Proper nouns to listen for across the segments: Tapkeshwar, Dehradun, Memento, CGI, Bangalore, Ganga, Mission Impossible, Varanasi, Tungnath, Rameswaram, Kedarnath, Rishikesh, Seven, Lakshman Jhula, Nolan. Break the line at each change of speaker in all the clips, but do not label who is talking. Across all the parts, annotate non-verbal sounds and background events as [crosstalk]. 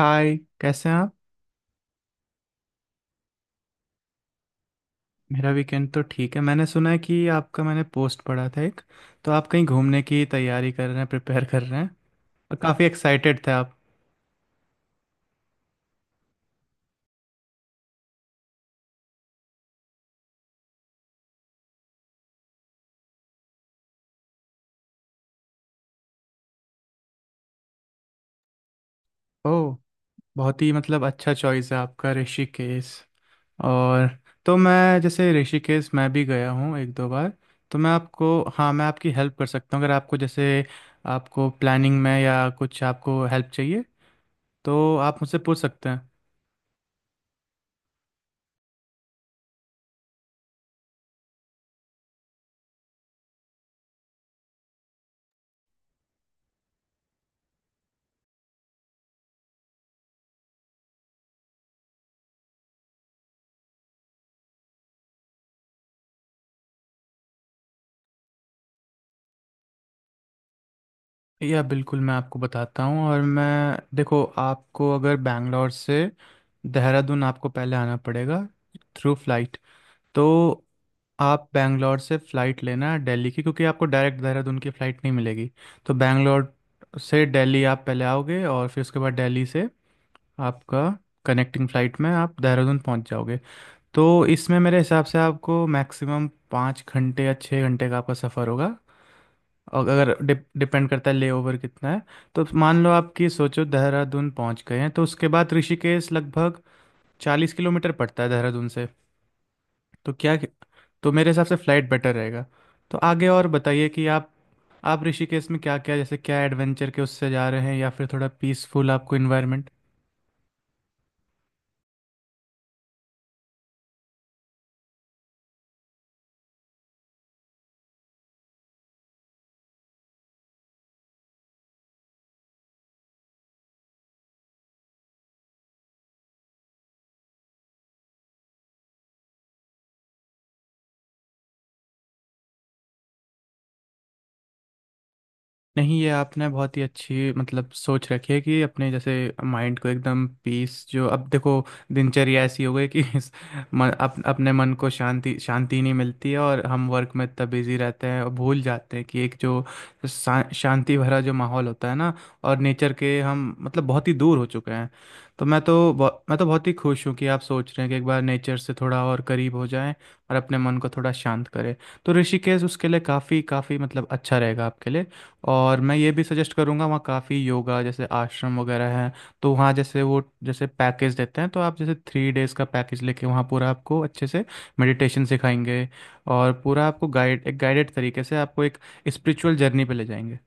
हाय, कैसे हैं आप। मेरा वीकेंड तो ठीक है। मैंने सुना है कि आपका मैंने पोस्ट पढ़ा था एक। तो आप कहीं घूमने की तैयारी कर रहे हैं, प्रिपेयर कर रहे हैं, और काफ़ी एक्साइटेड थे आप। ओह, बहुत ही मतलब अच्छा चॉइस है आपका, ऋषिकेश। और तो मैं जैसे ऋषिकेश मैं भी गया हूँ एक दो बार। तो मैं आपको हाँ, मैं आपकी हेल्प कर सकता हूँ अगर आपको जैसे आपको प्लानिंग में या कुछ आपको हेल्प चाहिए तो आप मुझसे पूछ सकते हैं। या बिल्कुल, मैं आपको बताता हूँ। और मैं देखो, आपको अगर बैंगलोर से देहरादून आपको पहले आना पड़ेगा, थ्रू फ्लाइट। तो आप बैंगलोर से फ़्लाइट लेना है दिल्ली की, क्योंकि आपको डायरेक्ट देहरादून की फ़्लाइट नहीं मिलेगी। तो बैंगलोर से दिल्ली आप पहले आओगे और फिर उसके बाद दिल्ली से आपका कनेक्टिंग फ़्लाइट में आप देहरादून पहुंच जाओगे। तो इसमें मेरे हिसाब से आपको मैक्सिमम 5 घंटे या 6 घंटे का आपका सफ़र होगा। और अगर डिपेंड करता है लेओवर कितना है। तो मान लो आपकी सोचो देहरादून पहुंच गए हैं, तो उसके बाद ऋषिकेश लगभग 40 किलोमीटर पड़ता है देहरादून से। तो क्या, तो मेरे हिसाब से फ्लाइट बेटर रहेगा। तो आगे और बताइए कि आप ऋषिकेश में क्या क्या जैसे क्या एडवेंचर के उससे जा रहे हैं या फिर थोड़ा पीसफुल आपको इन्वायरमेंट। नहीं, ये आपने बहुत ही अच्छी मतलब सोच रखी है कि अपने जैसे माइंड को एकदम पीस। जो अब देखो दिनचर्या ऐसी हो गई कि [laughs] इस अपने मन को शांति शांति नहीं मिलती है और हम वर्क में इतना बिजी रहते हैं और भूल जाते हैं कि एक जो शांति भरा जो माहौल होता है ना, और नेचर के हम मतलब बहुत ही दूर हो चुके हैं। तो मैं तो मैं तो बहुत ही खुश हूँ कि आप सोच रहे हैं कि एक बार नेचर से थोड़ा और करीब हो जाएं और अपने मन को थोड़ा शांत करें। तो ऋषिकेश उसके लिए काफ़ी काफ़ी मतलब अच्छा रहेगा आपके लिए। और मैं ये भी सजेस्ट करूँगा वहाँ काफ़ी योगा जैसे आश्रम वगैरह है। तो वहाँ जैसे वो जैसे पैकेज देते हैं, तो आप जैसे 3 days का पैकेज लेके वहाँ पूरा आपको अच्छे से मेडिटेशन सिखाएंगे। और पूरा आपको गाइड एक गाइडेड तरीके से आपको एक स्पिरिचुअल जर्नी पे ले जाएंगे।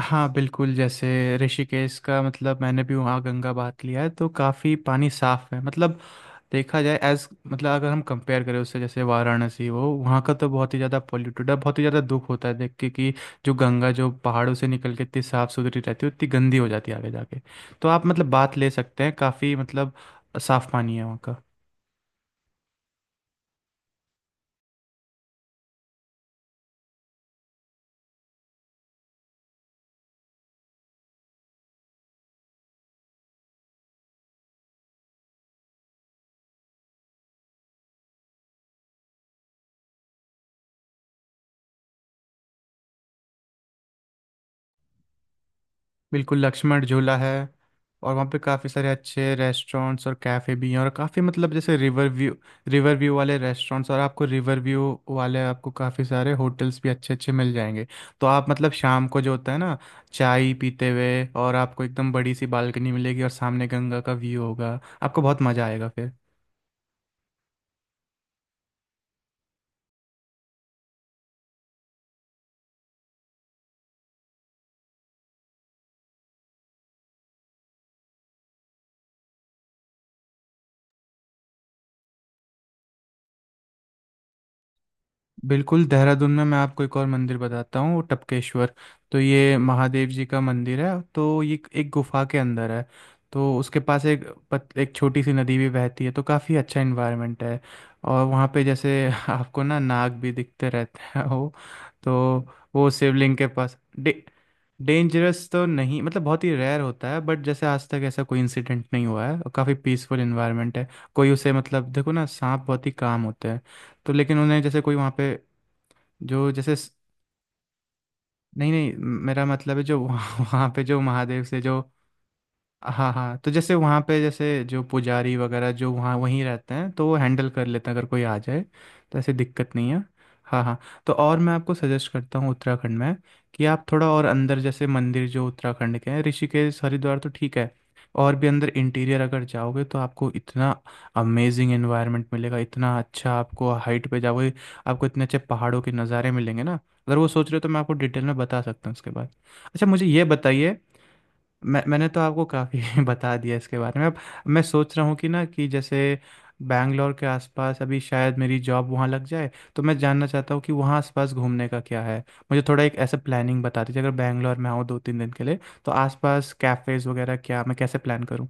हाँ बिल्कुल जैसे ऋषिकेश का मतलब मैंने भी वहाँ गंगा बहात लिया है तो काफ़ी पानी साफ है मतलब। देखा जाए एज मतलब अगर हम कंपेयर करें उससे जैसे वाराणसी वो, वहाँ का तो बहुत ही ज़्यादा पॉल्यूटेड है, बहुत ही ज़्यादा दुख होता है देख के कि जो गंगा जो पहाड़ों से निकल के इतनी साफ़ सुथरी रहती है उतनी गंदी हो जाती है आगे जाके। तो आप मतलब बात ले सकते हैं, काफ़ी मतलब साफ़ पानी है वहाँ का। बिल्कुल, लक्ष्मण झूला है और वहाँ पे काफ़ी सारे अच्छे रेस्टोरेंट्स और कैफ़े भी हैं और काफ़ी मतलब जैसे रिवर व्यू, रिवर व्यू वाले रेस्टोरेंट्स, और आपको रिवर व्यू वाले आपको काफ़ी सारे होटल्स भी अच्छे अच्छे मिल जाएंगे। तो आप मतलब शाम को जो होता है ना चाय पीते हुए, और आपको एकदम बड़ी सी बालकनी मिलेगी और सामने गंगा का व्यू होगा, आपको बहुत मज़ा आएगा। बिल्कुल, देहरादून में मैं आपको एक और मंदिर बताता हूँ, टपकेश्वर। तो ये महादेव जी का मंदिर है, तो ये एक गुफा के अंदर है। तो उसके पास एक एक छोटी सी नदी भी बहती है, तो काफ़ी अच्छा इन्वायरमेंट है। और वहाँ पे जैसे [laughs] आपको ना नाग भी दिखते रहते हैं वो। तो वो शिवलिंग के पास डेंजरस तो नहीं, मतलब बहुत ही रेयर होता है, बट जैसे आज तक ऐसा कोई इंसिडेंट नहीं हुआ है और काफ़ी पीसफुल इन्वायरमेंट है। कोई उसे मतलब देखो ना सांप बहुत ही काम होते हैं। तो लेकिन उन्हें जैसे कोई वहाँ पे जो जैसे नहीं नहीं। मेरा मतलब है जो वहाँ [laughs] वहाँ पे जो महादेव से जो। हाँ हाँ, तो जैसे वहाँ पे जैसे जो पुजारी वगैरह जो वहाँ वहीं रहते हैं तो वो हैंडल कर लेते हैं अगर कोई आ जाए तो ऐसी दिक्कत नहीं है। हाँ हाँ। तो और मैं आपको सजेस्ट करता हूँ उत्तराखंड में कि आप थोड़ा और अंदर जैसे मंदिर जो उत्तराखंड के हैं, ऋषिकेश हरिद्वार तो ठीक है, और भी अंदर इंटीरियर अगर जाओगे तो आपको इतना अमेजिंग एनवायरनमेंट मिलेगा, इतना अच्छा, आपको हाइट पे जाओगे आपको इतने अच्छे पहाड़ों के नज़ारे मिलेंगे ना। अगर वो सोच रहे हो तो मैं आपको डिटेल में बता सकता हूँ उसके बाद। अच्छा, मुझे ये बताइए। मैंने तो आपको काफ़ी [laughs] बता दिया इसके बारे में। अब मैं सोच रहा हूँ कि ना कि जैसे बैंगलोर के आसपास अभी शायद मेरी जॉब वहाँ लग जाए, तो मैं जानना चाहता हूँ कि वहाँ आसपास घूमने का क्या है। मुझे थोड़ा एक ऐसा प्लानिंग बता दीजिए अगर बैंगलोर में आऊँ दो तीन दिन के लिए, तो आसपास कैफ़ेज़ वगैरह क्या मैं कैसे प्लान करूँ।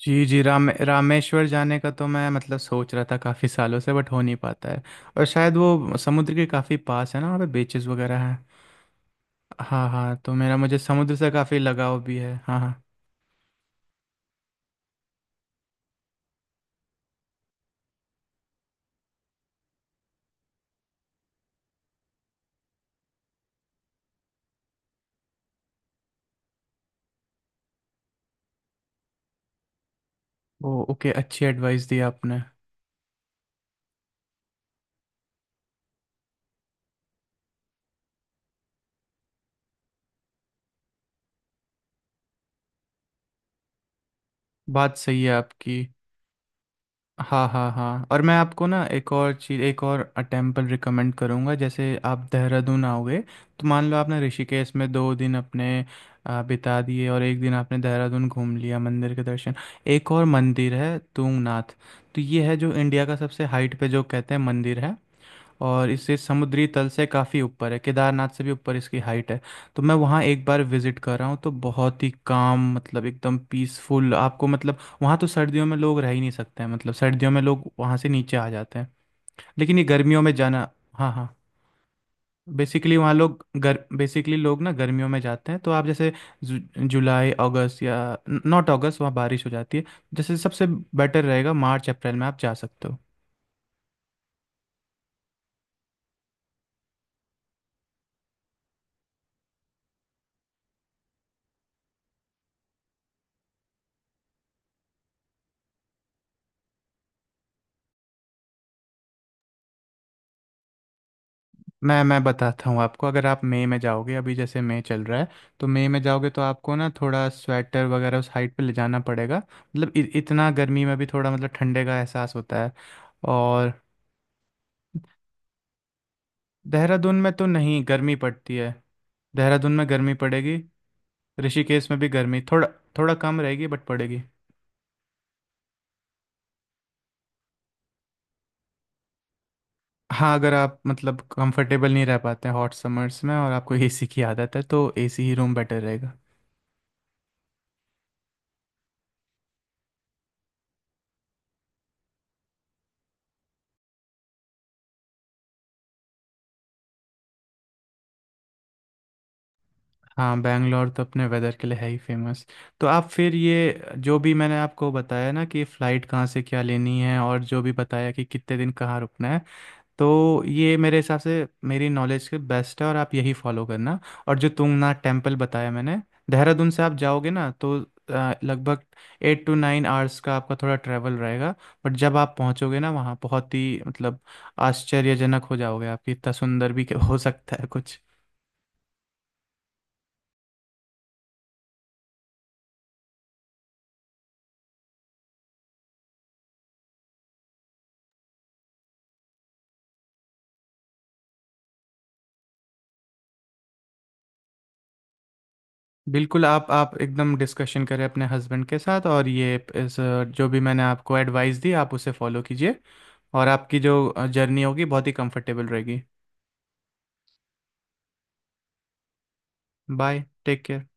जी जी, राम रामेश्वर जाने का तो मैं मतलब सोच रहा था काफ़ी सालों से बट हो नहीं पाता है। और शायद वो समुद्र के काफ़ी पास है ना, वहाँ पे बीचेस वगैरह हैं। हाँ हाँ, तो मेरा मुझे समुद्र से काफ़ी लगाव भी है। हाँ हाँ। ओ ओके, अच्छी एडवाइस दी आपने। बात सही है आपकी। हाँ हाँ हाँ, और मैं आपको ना एक और चीज़, एक और टेम्पल रिकमेंड करूँगा। जैसे आप देहरादून आओगे, तो मान लो आपने ऋषिकेश में 2 दिन अपने बिता दिए और एक दिन आपने देहरादून घूम लिया मंदिर के दर्शन। एक और मंदिर है तूंगनाथ। तो ये है जो इंडिया का सबसे हाइट पे जो कहते हैं मंदिर है। और इसे समुद्री तल से काफ़ी ऊपर है, केदारनाथ से भी ऊपर इसकी हाइट है। तो मैं वहाँ एक बार विजिट कर रहा हूँ तो बहुत ही काम मतलब एकदम पीसफुल आपको, मतलब वहाँ तो सर्दियों में लोग रह ही नहीं सकते हैं, मतलब सर्दियों में लोग वहाँ से नीचे आ जाते हैं। लेकिन ये गर्मियों में जाना। हाँ हाँ। बेसिकली वहाँ लोग गर बेसिकली लोग ना गर्मियों में जाते हैं, तो आप जैसे जु, जुलाई अगस्त या नॉट अगस्त वहाँ बारिश हो जाती है। जैसे सबसे बेटर रहेगा मार्च अप्रैल में आप जा सकते हो। मैं बताता हूँ आपको, अगर आप मई में जाओगे, अभी जैसे मई चल रहा है, तो मई में जाओगे तो आपको ना थोड़ा स्वेटर वगैरह उस हाइट पे ले जाना पड़ेगा, मतलब इतना गर्मी में भी थोड़ा मतलब ठंडे का एहसास होता है। और देहरादून में तो नहीं गर्मी पड़ती है, देहरादून में गर्मी पड़ेगी। ऋषिकेश में भी गर्मी थोड़ा थोड़ा कम रहेगी बट पड़ेगी। हाँ, अगर आप मतलब कंफर्टेबल नहीं रह पाते हैं हॉट समर्स में और आपको एसी की आदत है तो एसी ही रूम बेटर रहेगा। हाँ, बैंगलोर तो अपने वेदर के लिए है ही फेमस। तो आप फिर ये जो भी मैंने आपको बताया ना कि फ़्लाइट कहाँ से क्या लेनी है और जो भी बताया कि कितने दिन कहाँ रुकना है, तो ये मेरे हिसाब से मेरी नॉलेज के बेस्ट है और आप यही फॉलो करना। और जो तुंगनाथ टेम्पल बताया मैंने, देहरादून से आप जाओगे ना तो लगभग 8-9 hours का आपका थोड़ा ट्रैवल रहेगा। बट जब आप पहुंचोगे ना वहाँ बहुत ही मतलब आश्चर्यजनक हो जाओगे आप कि इतना सुंदर भी [laughs] हो सकता है कुछ। बिल्कुल, आप एकदम डिस्कशन करें अपने हस्बैंड के साथ, और ये इस जो भी मैंने आपको एडवाइस दी आप उसे फॉलो कीजिए और आपकी जो जर्नी होगी बहुत ही कंफर्टेबल रहेगी। Bye, take care.